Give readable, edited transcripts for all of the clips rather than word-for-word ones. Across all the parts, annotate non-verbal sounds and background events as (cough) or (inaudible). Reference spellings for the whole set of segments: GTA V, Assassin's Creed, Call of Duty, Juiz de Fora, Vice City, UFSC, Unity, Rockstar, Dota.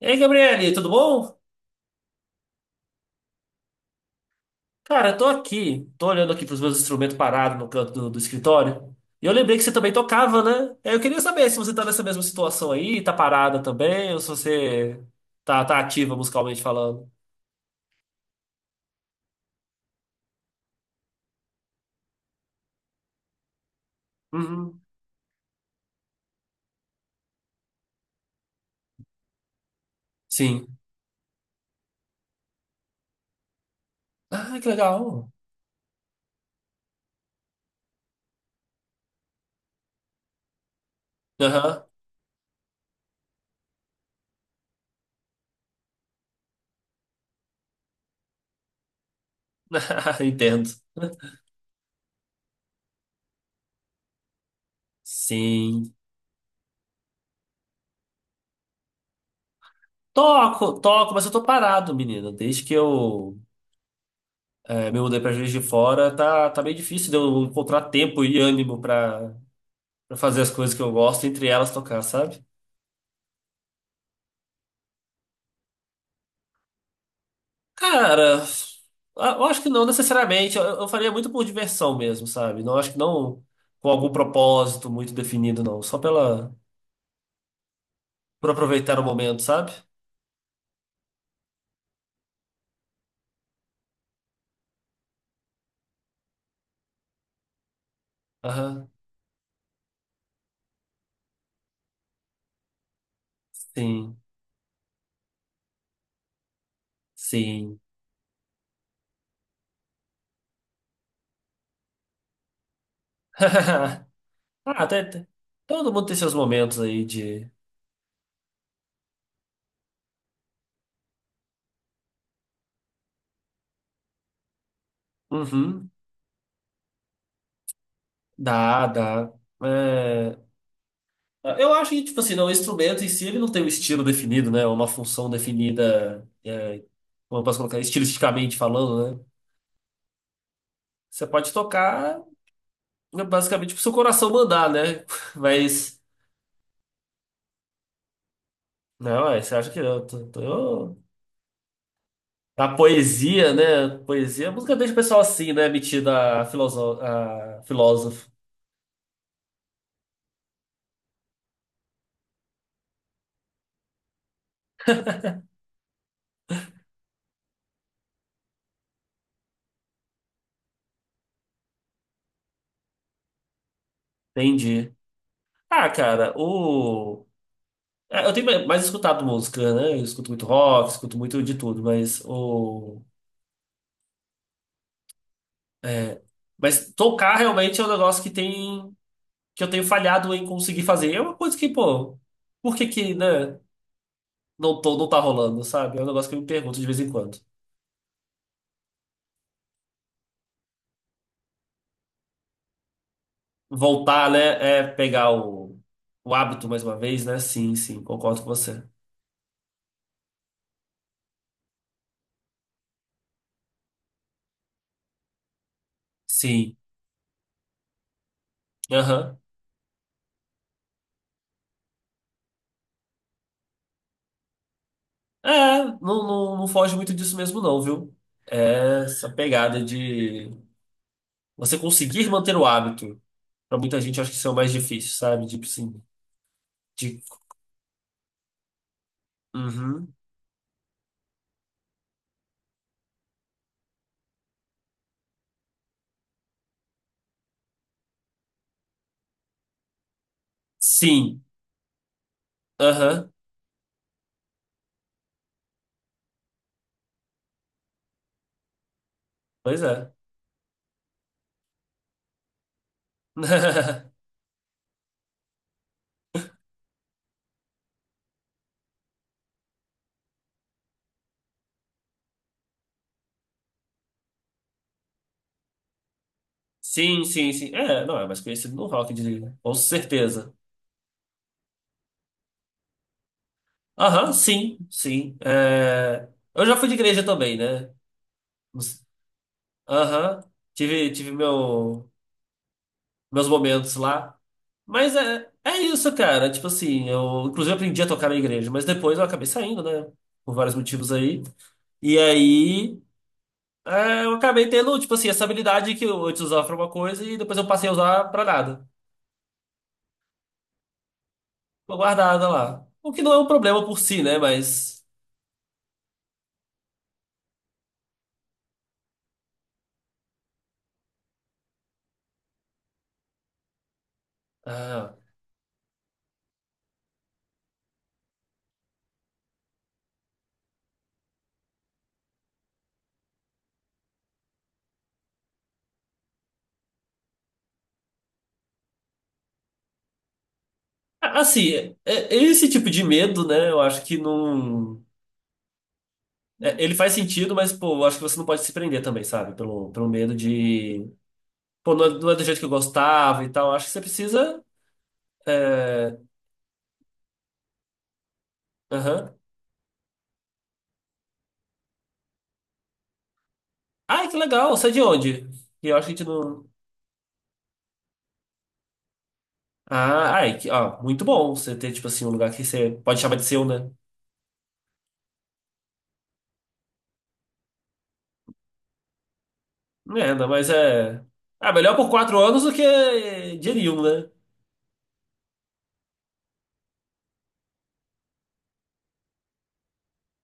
Ei, Gabriele, tudo bom? Cara, eu tô aqui, tô olhando aqui pros meus instrumentos parados no canto do escritório. E eu lembrei que você também tocava, né? Eu queria saber se você tá nessa mesma situação aí, tá parada também, ou se você tá ativa musicalmente falando. Uhum. Sim. Ah, que legal. Aham. (laughs) Entendo. Sim. Toco, toco, mas eu tô parado, menina. Desde que eu me mudei pra Juiz de Fora, tá meio difícil de eu encontrar tempo e ânimo pra pra fazer as coisas que eu gosto, entre elas tocar, sabe? Cara, eu acho que não necessariamente. Eu faria muito por diversão mesmo, sabe? Não acho que não com algum propósito muito definido, não. Só pela por aproveitar o momento, sabe? Aham. Sim, sim. (laughs) Ah, até, todo mundo tem seus momentos aí de. Uhum. Dá, dá. É, eu acho que, tipo assim, não, o instrumento em si ele não tem um estilo definido, né? Uma função definida é, como eu posso colocar, estilisticamente falando, né? Você pode tocar, né, basicamente pro seu coração mandar, né? (laughs) Mas, não, é, você acha que eu, A poesia, né? Poesia, a música deixa o pessoal assim, né? Metida a, a filósofo. Entendi. Ah, cara, o é, eu tenho mais escutado música, né? Eu escuto muito rock, escuto muito de tudo, mas o é, mas tocar realmente é um negócio que tem que eu tenho falhado em conseguir fazer. É uma coisa que, pô, por que que, né? Não tô, não tá rolando, sabe? É um negócio que eu me pergunto de vez em quando. Voltar, né? É pegar o hábito mais uma vez, né? Sim, sim, concordo com você. Sim. Aham. É, não, foge muito disso mesmo, não, viu? É essa pegada de você conseguir manter o hábito. Pra muita gente, eu acho que isso é o mais difícil, sabe? Tipo assim. De... Uhum. Sim. Aham. Pois é. (laughs) Sim, sim, sim. É, não, é mais conhecido no rock, eu diria. Com certeza. Aham, sim, sim. É, eu já fui de igreja também, né? Aham, tive, tive meu, meus momentos lá. Mas é, é isso, cara. Tipo assim, eu inclusive aprendi a tocar na igreja, mas depois eu acabei saindo, né? Por vários motivos aí. E aí, é, eu acabei tendo, tipo assim, essa habilidade que eu antes usava pra uma coisa e depois eu passei a usar pra nada. Ficou guardada lá. O que não é um problema por si, né? Mas ah, assim, esse tipo de medo, né? Eu acho que não. É, ele faz sentido, mas, pô, eu acho que você não pode se prender também, sabe? Pelo medo de. Pô, não é, não é do jeito que eu gostava e tal. Acho que você precisa. É... Aham. Ai, que legal! Você é de onde? E eu acho que a gente não. Ah, ai, que... ó, muito bom você ter, tipo assim, um lugar que você pode chamar de seu, né? É, não, mas é. Ah, melhor por quatro anos do que de nenhum, né?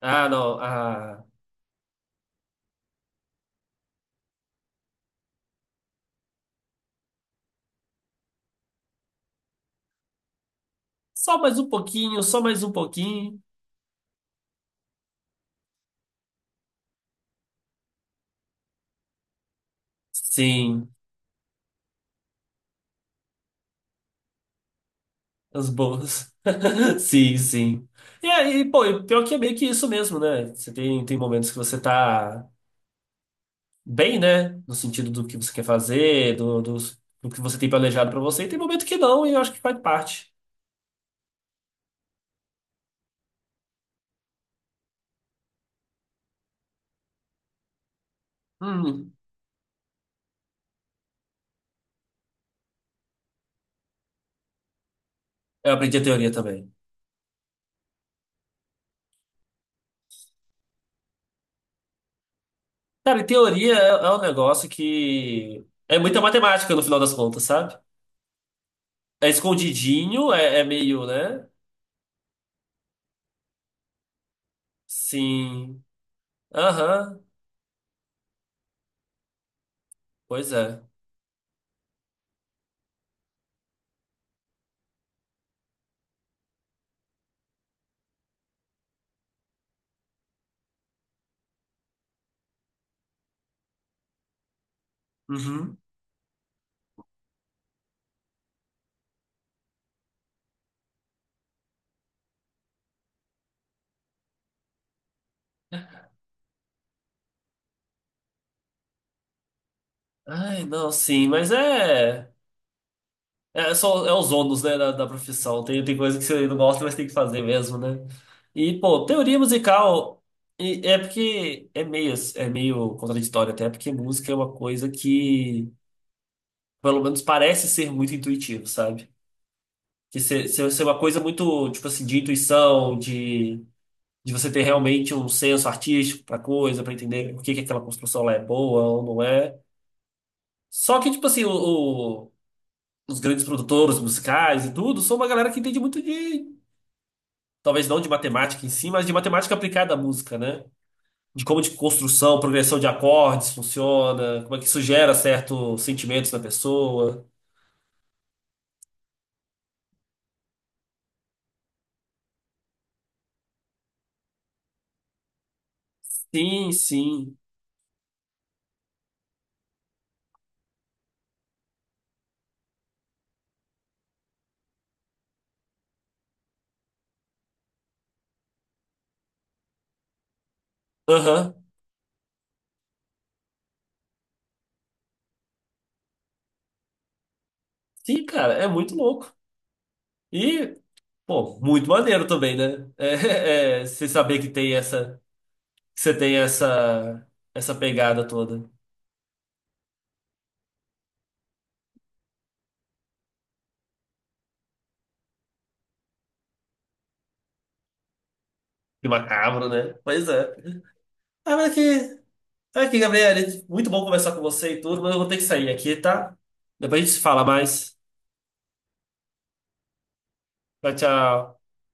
Ah, não. Ah, só mais um pouquinho, só mais um pouquinho. Sim. As boas. (laughs) Sim, sim. E aí, pô, e pior que é meio que isso mesmo, né? Você tem, tem momentos que você tá bem, né? No sentido do que você quer fazer, do que você tem planejado pra você, e tem momento que não, e eu acho que faz parte. Hum, eu aprendi a teoria também. Cara, e teoria é, é um negócio que é muita matemática no final das contas, sabe? É escondidinho, é, é meio, né? Sim. Aham, pois é. Uhum. Ai, não, sim, mas é. É, é só, é os ônus, né, da profissão. Tem, tem coisa que você não gosta, mas tem que fazer mesmo, né? E, pô, teoria musical é porque é meio contraditório até, porque música é uma coisa que, pelo menos, parece ser muito intuitivo, sabe? Que ser uma coisa muito, tipo assim, de intuição, de você ter realmente um senso artístico pra coisa, pra entender por que que aquela construção lá é boa ou não é. Só que, tipo assim, o- os grandes produtores musicais e tudo, são uma galera que entende muito de talvez não de matemática em si, mas de matemática aplicada à música, né? De como de construção, progressão de acordes funciona, como é que isso gera certos sentimentos na pessoa. Sim, sim. Aham. Sim, cara, é muito louco. E, pô, muito maneiro também, né? É, (laughs) é, você saber que tem essa, que você tem essa, essa pegada toda. Que macabro, né? Pois é. Ah, mas aqui, aqui, Gabriel, muito bom conversar com você e tudo, mas eu vou ter que sair aqui, tá? Depois a gente se fala mais. Tchau, tchau.